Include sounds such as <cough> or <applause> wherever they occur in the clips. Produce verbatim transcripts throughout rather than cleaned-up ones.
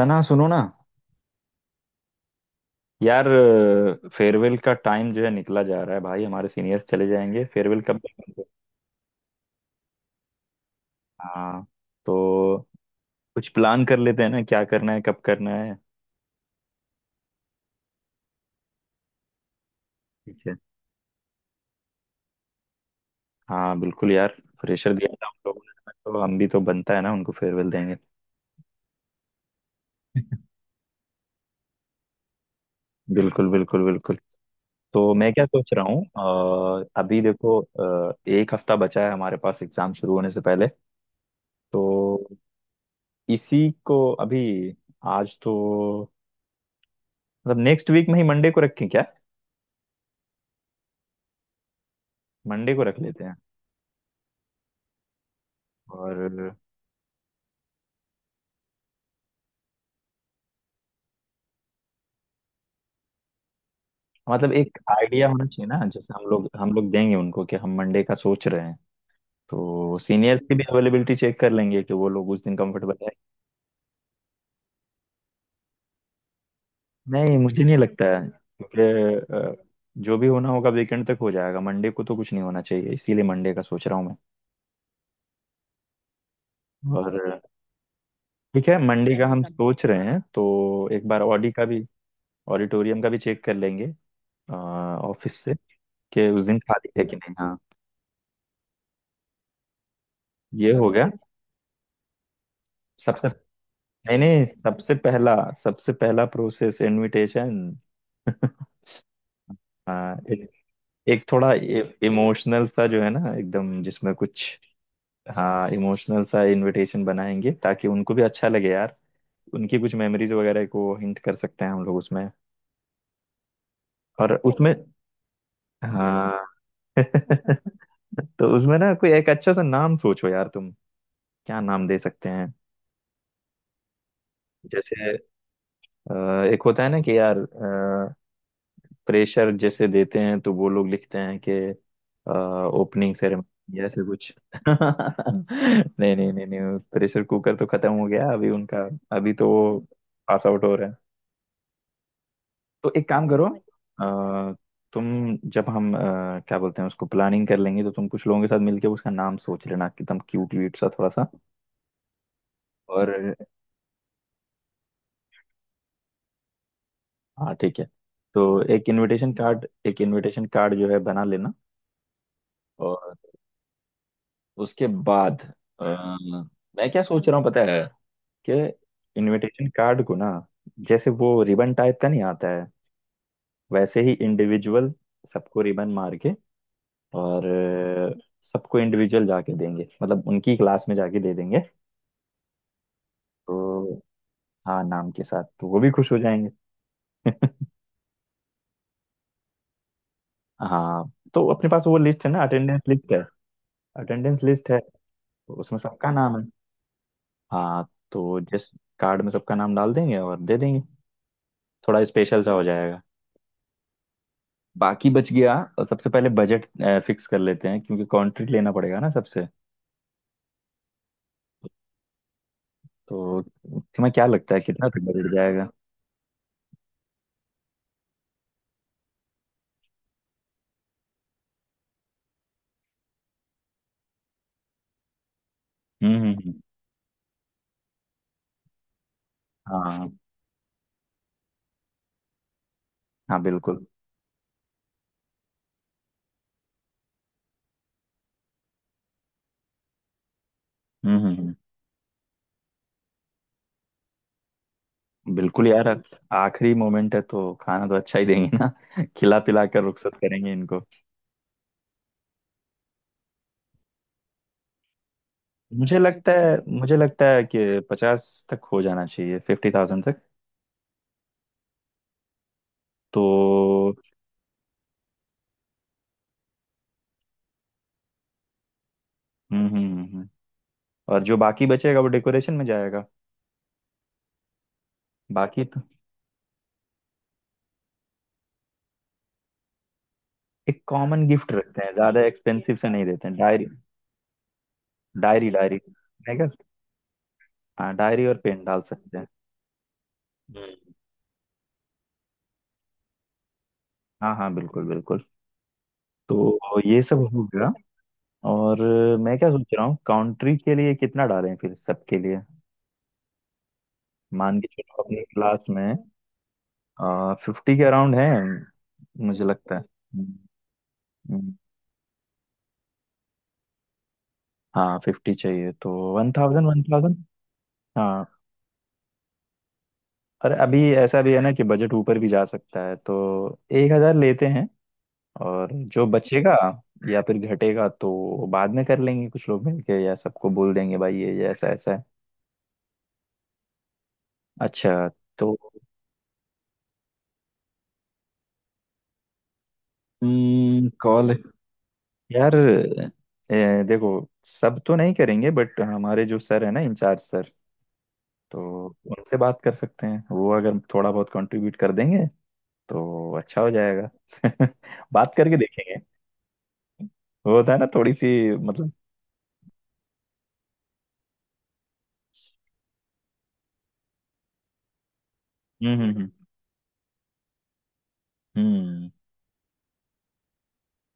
तना सुनो ना यार। फेयरवेल का टाइम जो है निकला जा रहा है भाई। हमारे सीनियर्स चले जाएंगे, फेयरवेल कब देंगे? हाँ, तो कुछ प्लान कर लेते हैं ना, क्या करना है, कब करना है। ठीक है, हाँ बिल्कुल यार। प्रेशर दिया था हम लोगों ने, तो हम भी तो बनता है ना, उनको फेयरवेल देंगे। <laughs> बिल्कुल बिल्कुल बिल्कुल। तो मैं क्या सोच रहा हूँ, अ, अभी देखो, अ, एक हफ्ता बचा है हमारे पास एग्जाम शुरू होने से पहले। तो इसी को अभी, आज तो मतलब नेक्स्ट वीक में ही मंडे को रखें क्या? मंडे को रख लेते हैं। और मतलब एक आइडिया होना चाहिए ना, जैसे हम लोग हम लोग देंगे उनको कि हम मंडे का सोच रहे हैं, तो सीनियर्स की भी अवेलेबिलिटी चेक कर लेंगे कि वो लोग उस दिन कंफर्टेबल है। नहीं, मुझे नहीं लगता है क्योंकि अ, जो भी होना होगा वीकेंड तक हो जाएगा, मंडे को तो कुछ नहीं होना चाहिए, इसीलिए मंडे का सोच रहा हूँ मैं। और ठीक है, मंडे का हम सोच रहे हैं तो एक बार ऑडी का भी, ऑडिटोरियम का भी चेक कर लेंगे ऑफिस से कि उस दिन खाली है कि नहीं। हाँ, ये हो गया। सबसे, नहीं नहीं, सबसे पहला सबसे पहला प्रोसेस इनविटेशन। <laughs> हाँ, एक, एक थोड़ा इमोशनल सा जो है ना एकदम, जिसमें कुछ। हाँ, इमोशनल सा इनविटेशन बनाएंगे ताकि उनको भी अच्छा लगे यार। उनकी कुछ मेमोरीज वगैरह को हिंट कर सकते हैं हम लोग उसमें, और उसमें हाँ। <laughs> तो उसमें ना कोई एक अच्छा सा नाम सोचो यार तुम, क्या नाम दे सकते हैं। जैसे अ, एक होता है ना कि यार, प्रेशर जैसे देते हैं तो वो लोग लिखते हैं कि ओपनिंग सेरेमनी ऐसे कुछ। <laughs> नहीं नहीं नहीं नहीं, प्रेशर कुकर तो खत्म हो गया अभी उनका, अभी तो वो पास आउट हो रहे हैं। तो एक काम करो, अ, तुम जब, हम अ, क्या बोलते हैं उसको प्लानिंग कर लेंगे, तो तुम कुछ लोगों के साथ मिलके उसका नाम सोच लेना, एकदम क्यूट व्यूट सा थोड़ा सा। और हाँ ठीक है, तो एक इनविटेशन कार्ड, एक इनविटेशन कार्ड जो है बना लेना। और उसके बाद अ, मैं क्या सोच रहा हूँ पता है, कि इनविटेशन कार्ड को ना, जैसे वो रिबन टाइप का नहीं आता है, वैसे ही इंडिविजुअल सबको रिबन मार के, और अ, सबको इंडिविजुअल जाके देंगे, मतलब उनकी क्लास में जाके दे देंगे। तो हाँ, नाम के साथ, तो वो भी खुश हो जाएंगे। <laughs> हाँ, तो अपने पास वो लिस्ट है ना, अटेंडेंस लिस्ट है, अटेंडेंस लिस्ट है, उसमें सबका नाम है। हाँ, तो जिस कार्ड में सबका नाम डाल देंगे और दे देंगे, थोड़ा स्पेशल सा हो जाएगा। बाकी बच गया, और सबसे पहले बजट फिक्स कर लेते हैं, क्योंकि कॉन्ट्रैक्ट लेना पड़ेगा ना सबसे। तो तुम्हें क्या लगता है कितना तक बजट जाएगा? हम्म हम्म हम्म, हाँ हाँ बिल्कुल। हम्म हम्म हम्म, बिल्कुल यार, आखिरी मोमेंट है तो खाना तो अच्छा ही देंगे ना। <laughs> खिला पिला कर रुखसत करेंगे इनको। मुझे लगता है मुझे लगता है कि पचास तक हो जाना चाहिए, फिफ्टी थाउजेंड तक। तो हम्म हम्म हम्म, हम्म। और जो बाकी बचेगा वो डेकोरेशन में जाएगा। बाकी तो एक कॉमन गिफ्ट रखते हैं, ज्यादा एक्सपेंसिव से नहीं देते हैं। डायरी, डायरी, डायरी है क्या? हाँ, डायरी और पेन डाल सकते हैं। हम्म, हाँ हाँ बिल्कुल बिल्कुल। तो ये सब हो गया, और मैं क्या सोच रहा हूँ काउंट्री के लिए कितना डालें फिर सबके लिए। मान के चलो अपनी क्लास में फिफ्टी के अराउंड है। मुझे लगता है हम्म, हम्म, हाँ फिफ्टी चाहिए, तो वन थाउजेंड वन थाउजेंड। हाँ, अरे अभी ऐसा भी है ना कि बजट ऊपर भी जा सकता है, तो एक हजार लेते हैं, और जो बचेगा या फिर घटेगा तो बाद में कर लेंगे कुछ लोग मिलके, या सबको बोल देंगे भाई ये ये ऐसा ऐसा है। अच्छा, तो कॉल, यार ए, देखो सब तो नहीं करेंगे बट हमारे जो सर है ना, इंचार्ज सर, तो उनसे बात कर सकते हैं, वो अगर थोड़ा बहुत कंट्रीब्यूट कर देंगे तो अच्छा हो जाएगा। <laughs> बात करके देखेंगे, वो होता है ना थोड़ी सी, मतलब। हम्म हम्म हम्म हम्म,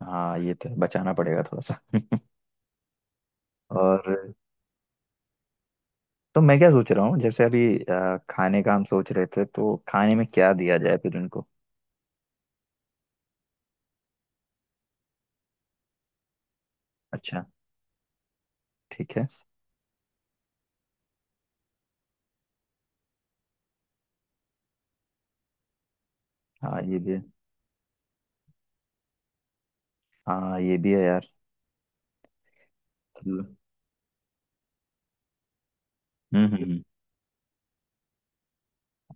हाँ ये तो है, बचाना पड़ेगा थोड़ा सा। <laughs> और तो मैं क्या सोच रहा हूँ, जैसे अभी अ, खाने का हम सोच रहे थे, तो खाने में क्या दिया जाए फिर उनको। अच्छा ठीक है, हाँ ये भी है, हाँ ये भी है यार। मतलब- हम्म हम्म।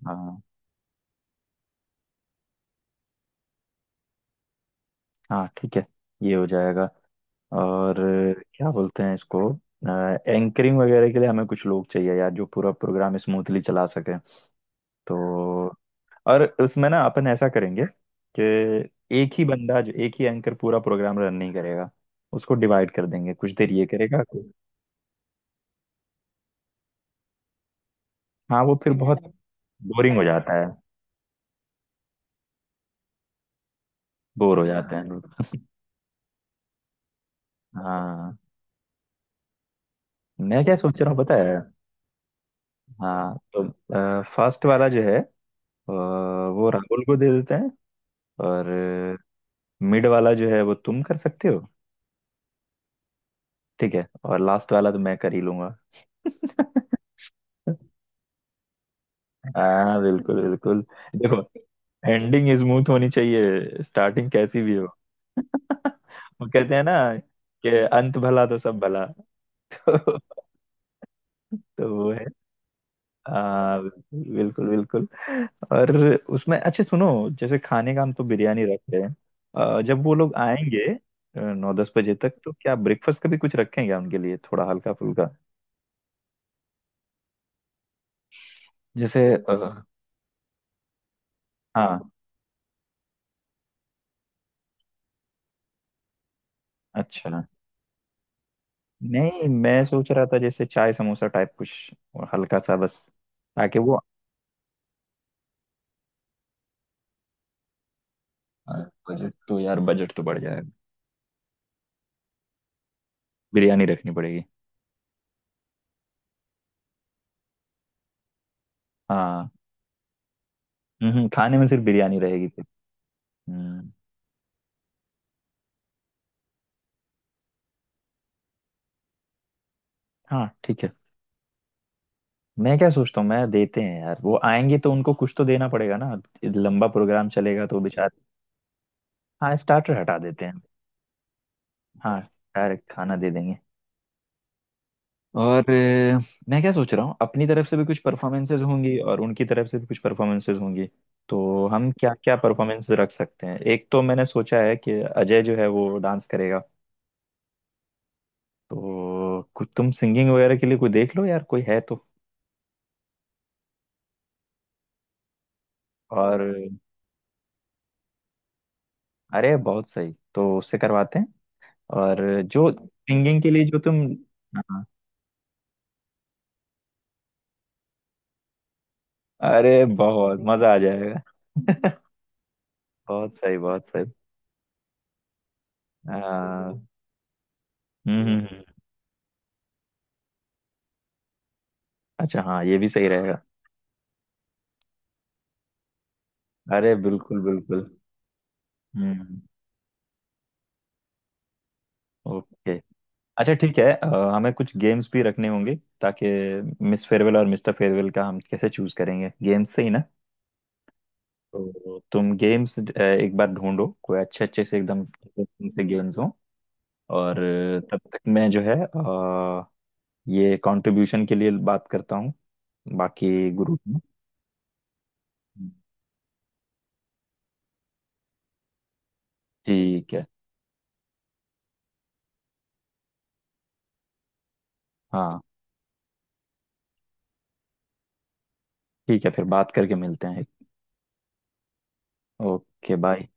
हाँ, हाँ ठीक है, ये हो जाएगा। और अ, क्या बोलते हैं इसको, एंकरिंग वगैरह के लिए हमें कुछ लोग चाहिए यार जो पूरा प्रोग्राम स्मूथली चला सके। तो और उसमें ना अपन ऐसा करेंगे कि एक ही बंदा जो, एक ही एंकर पूरा प्रोग्राम रन नहीं करेगा, उसको डिवाइड कर देंगे, कुछ देर ये करेगा। हाँ, वो फिर बहुत हम्म, बोरिंग हो जाता है, बोर हो जाते हैं लोग। हाँ, मैं क्या सोच रहा हूँ पता है, हाँ तो फर्स्ट वाला जो है अ, वो राहुल को दे देते हैं, और मिड वाला जो है वो तुम कर सकते हो, ठीक है, और लास्ट वाला तो मैं कर ही लूंगा। <laughs> हाँ बिल्कुल बिल्कुल। देखो, एंडिंग स्मूथ होनी चाहिए, स्टार्टिंग कैसी भी हो। <laughs> वो कहते हैं ना कि अंत भला तो सब भला। <laughs> तो, तो वो है। हाँ बिल्कुल बिल्कुल, और उसमें अच्छा सुनो, जैसे खाने का हम तो बिरयानी रख रहे हैं, अ, जब वो लोग आएंगे अ, नौ दस बजे तक, तो क्या ब्रेकफास्ट का भी कुछ रखेंगे उनके लिए थोड़ा हल्का फुल्का? जैसे अ, हाँ अच्छा, नहीं मैं सोच रहा था जैसे चाय समोसा टाइप कुछ, और हल्का सा बस, ताकि वो। बजट तो यार, बजट तो बढ़ जाएगा, बिरयानी रखनी पड़ेगी। हाँ हम्म, खाने में सिर्फ बिरयानी रहेगी फिर। हम्म, हाँ ठीक है। मैं क्या सोचता हूँ मैं, देते हैं यार, वो आएंगे तो उनको कुछ तो देना पड़ेगा ना, लंबा प्रोग्राम चलेगा तो बेचारे। हाँ, स्टार्टर हटा देते हैं। हाँ डायरेक्ट खाना दे देंगे। और अ, मैं क्या सोच रहा हूँ अपनी तरफ से भी कुछ परफॉर्मेंसेज होंगी, और उनकी तरफ से भी कुछ परफॉर्मेंसेज होंगी, तो हम क्या क्या परफॉर्मेंस रख सकते हैं। एक तो मैंने सोचा है कि अजय जो है वो डांस करेगा, तो कुछ तुम सिंगिंग वगैरह के लिए कोई देख लो यार, कोई है तो। और अरे बहुत सही, तो उससे करवाते हैं। और जो सिंगिंग के लिए जो तुम, हाँ, अरे बहुत मजा आ जाएगा। <laughs> बहुत सही बहुत सही। हाँ हम्म हम्म, हम्म। अच्छा हाँ, ये भी सही रहेगा। अरे बिल्कुल बिल्कुल। हम्म। ओके। अच्छा ठीक है, अ, हमें कुछ गेम्स भी रखने होंगे, ताकि मिस फेयरवेल और मिस्टर फेयरवेल का हम कैसे चूज करेंगे, गेम्स से ही ना। तो तुम गेम्स एक बार ढूंढो कोई अच्छे अच्छे से एकदम से गेम्स हो। और अ, तब तक मैं जो है अ, ये कंट्रीब्यूशन के लिए बात करता हूँ बाकी ग्रुप में। ठीक है, हाँ ठीक है, फिर बात करके मिलते हैं। Okay bye.